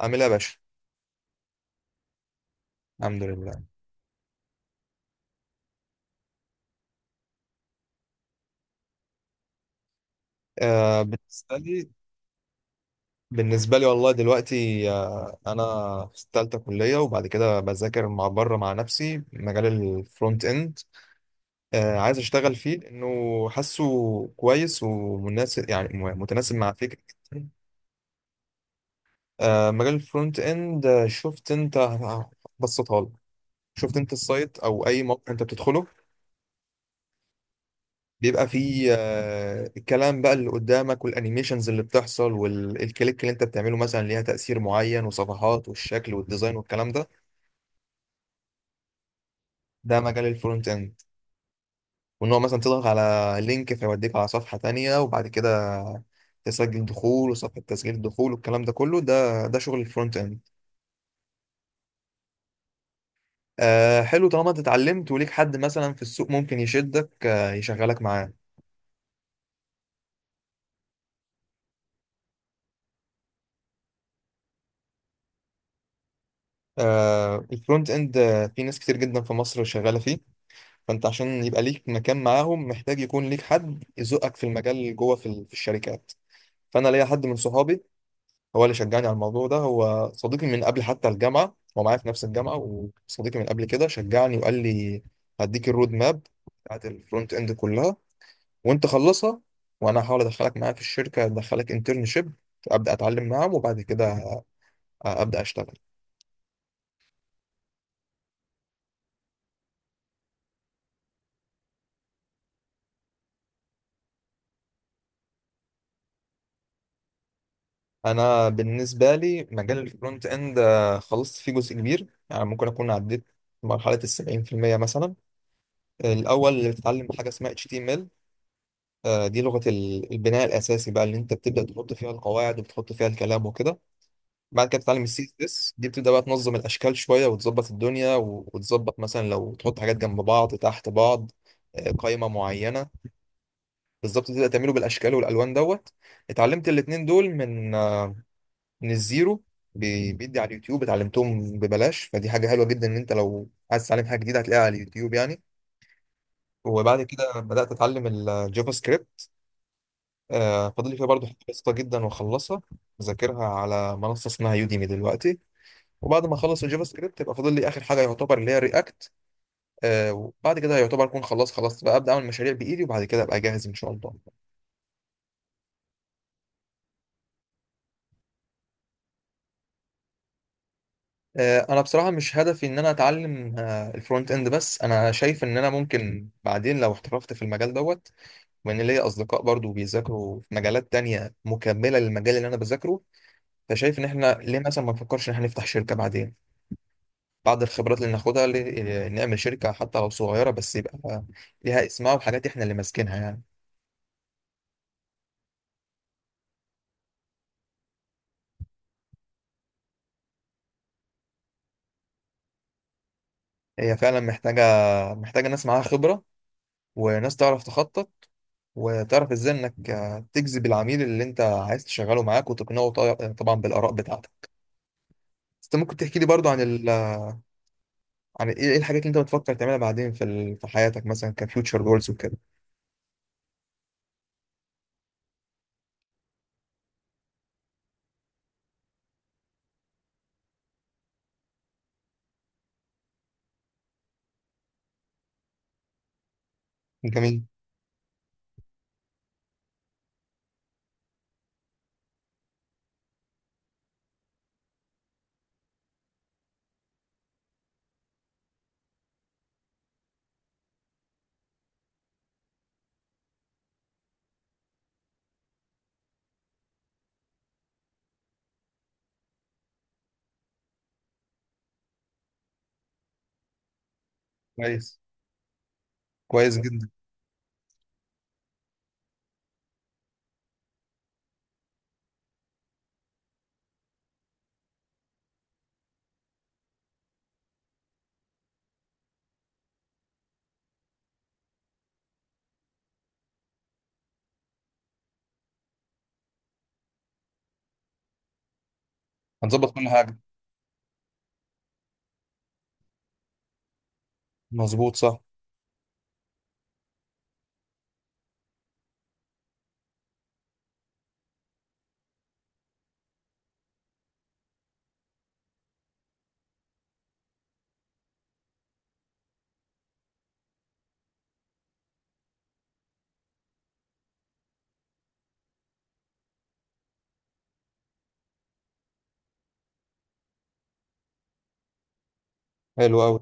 عامل ايه يا باشا؟ الحمد لله. بالنسبه لي، والله دلوقتي انا في ثالثه كليه، وبعد كده بذاكر مع بره مع نفسي مجال الفرونت اند. آه عايز اشتغل فيه لانه حاسه كويس ومناسب، يعني متناسب مع فكرتي. آه مجال الفرونت اند، شفت انت، هبسطها لك. شفت انت السايت او اي موقع انت بتدخله بيبقى فيه، الكلام بقى اللي قدامك، والانيميشنز اللي بتحصل، والكليك اللي انت بتعمله مثلا ليها تأثير معين، وصفحات والشكل والديزاين والكلام ده. ده مجال الفرونت اند. وان هو مثلا تضغط على لينك فيوديك على صفحة تانية، وبعد كده تسجل دخول، وصفحة تسجيل الدخول، والكلام ده كله ده شغل الفرونت اند. آه حلو، طالما انت اتعلمت وليك حد مثلا في السوق ممكن يشدك، آه يشغلك معاه. آه الفرونت اند، آه في ناس كتير جدا في مصر شغالة فيه. فانت عشان يبقى ليك مكان معاهم محتاج يكون ليك حد يزقك في المجال جوه في الشركات. فانا ليا حد من صحابي هو اللي شجعني على الموضوع ده. هو صديقي من قبل حتى الجامعه، هو معايا في نفس الجامعه، وصديقي من قبل كده. شجعني وقال لي هديك الرود ماب بتاعت الفرونت اند كلها، وانت خلصها، وانا هحاول ادخلك معايا في الشركه، ادخلك انترنشيب، ابدا اتعلم معاهم وبعد كده ابدا اشتغل. انا بالنسبه لي مجال الفرونت اند، آه خلصت فيه جزء كبير، يعني ممكن اكون عديت مرحله ال 70% مثلا. الاول بتتعلم حاجه اسمها HTML، آه دي لغه البناء الاساسي بقى، اللي انت بتبدا تحط فيها القواعد وبتحط فيها الكلام وكده. بعد كده بتتعلم السي اس اس، دي بتبدا بقى تنظم الاشكال شويه، وتظبط الدنيا وتظبط مثلا لو تحط حاجات جنب بعض تحت بعض، آه قائمه معينه بالظبط، تبدا تعمله بالاشكال والالوان دوت. اتعلمت الاتنين دول من آه، من الزيرو، بيدي على اليوتيوب اتعلمتهم ببلاش، فدي حاجة حلوة جدا ان انت لو عايز تتعلم حاجة جديدة هتلاقيها على اليوتيوب يعني. وبعد كده بدأت اتعلم الجافا سكريبت، آه فاضل لي فيها برضه حاجة بسيطة جدا واخلصها. بذاكرها على منصة اسمها يوديمي دلوقتي، وبعد ما اخلص الجافا سكريبت يبقى فاضل لي اخر حاجة يعتبر، اللي هي رياكت. آه وبعد كده يعتبر اكون خلاص، بقى ابدا اعمل مشاريع بايدي، وبعد كده ابقى جاهز ان شاء الله. آه انا بصراحه مش هدفي ان انا اتعلم، آه الفرونت اند بس. انا شايف ان انا ممكن بعدين لو احترفت في المجال دوت، وان ليا اصدقاء برضو بيذاكروا في مجالات تانية مكملة للمجال اللي انا بذاكره، فشايف ان احنا ليه مثلا ما نفكرش ان احنا نفتح شركة بعدين، بعد الخبرات اللي ناخدها نعمل شركة حتى لو صغيرة، بس يبقى ليها اسمها وحاجات احنا اللي ماسكينها يعني. هي فعلا محتاجة، ناس معاها خبرة، وناس تعرف تخطط، وتعرف ازاي انك آه تجذب العميل اللي انت عايز تشغله معاك وتقنعه آه، طبعا بالآراء بتاعتك. بس انت ممكن تحكي لي برضو عن ال... عن ايه، إيه الحاجات اللي انت بتفكر تعملها بعدين في ال... في حياتك مثلا كفيوتشر جولز وكده؟ جميل. كويس، كويس جدا. هنظبط كل حاجة. مظبوط، صح. حلو أوي.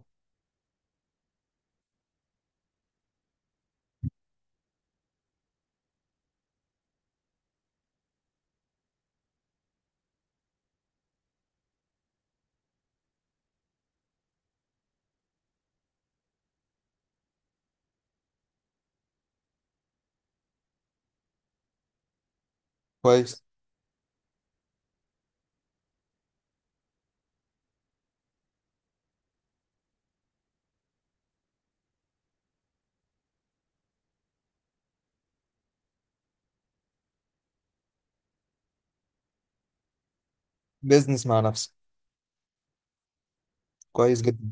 كويس. بيزنس مع نفسك. كويس جدا.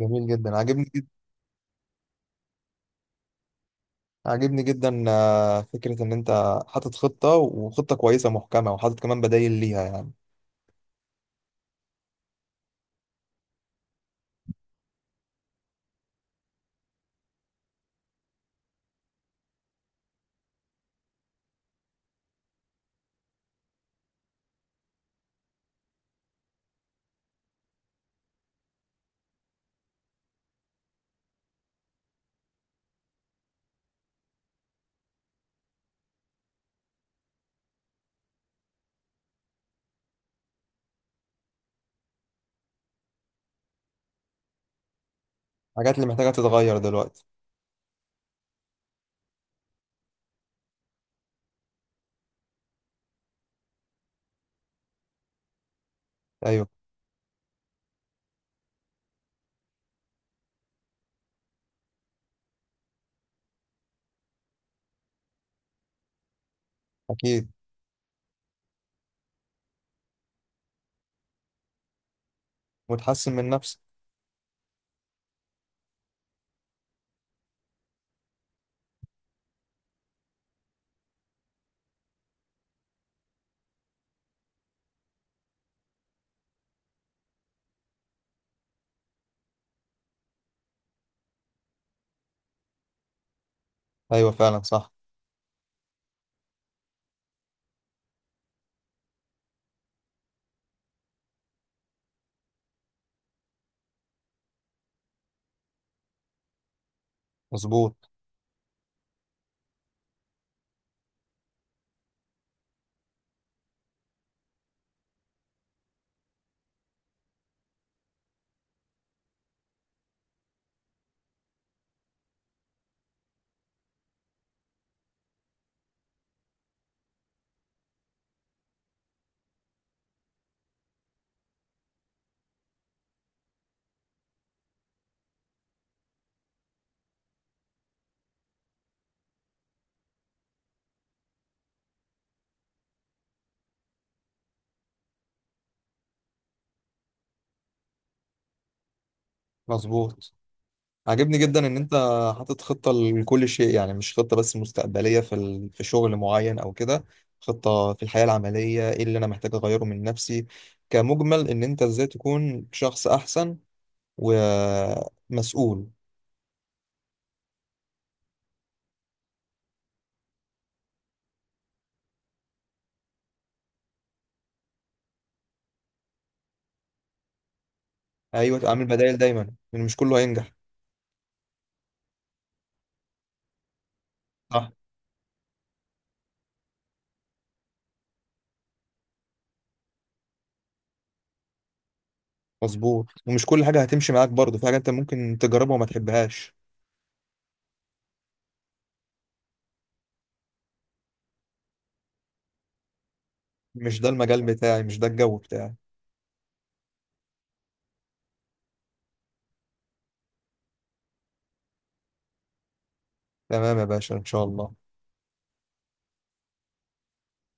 جميل جدا. عاجبني جدا. عاجبني جدا، آه فكرة إن أنت حاطط خطة، وخطة كويسة محكمة، وحاطط كمان بدايل ليها يعني. الحاجات اللي محتاجة تتغير دلوقتي. أيوه. أكيد. وتحسن من نفسك. أيوه، فعلا صح. مظبوط. مظبوط، عجبني جدا ان انت حاطط خطة لكل شيء، يعني مش خطة بس مستقبلية في ال... في شغل معين او كده. خطة في الحياة العملية، ايه اللي انا محتاج اغيره من نفسي كمجمل، ان انت ازاي تكون شخص احسن ومسؤول. ايوه، تعمل بدائل دايما لان مش كله هينجح. صح. مظبوط، ومش كل حاجة هتمشي معاك برضه، في حاجة انت ممكن تجربها وما تحبهاش. مش ده المجال بتاعي، مش ده الجو بتاعي. تمام يا باشا، ان شاء الله.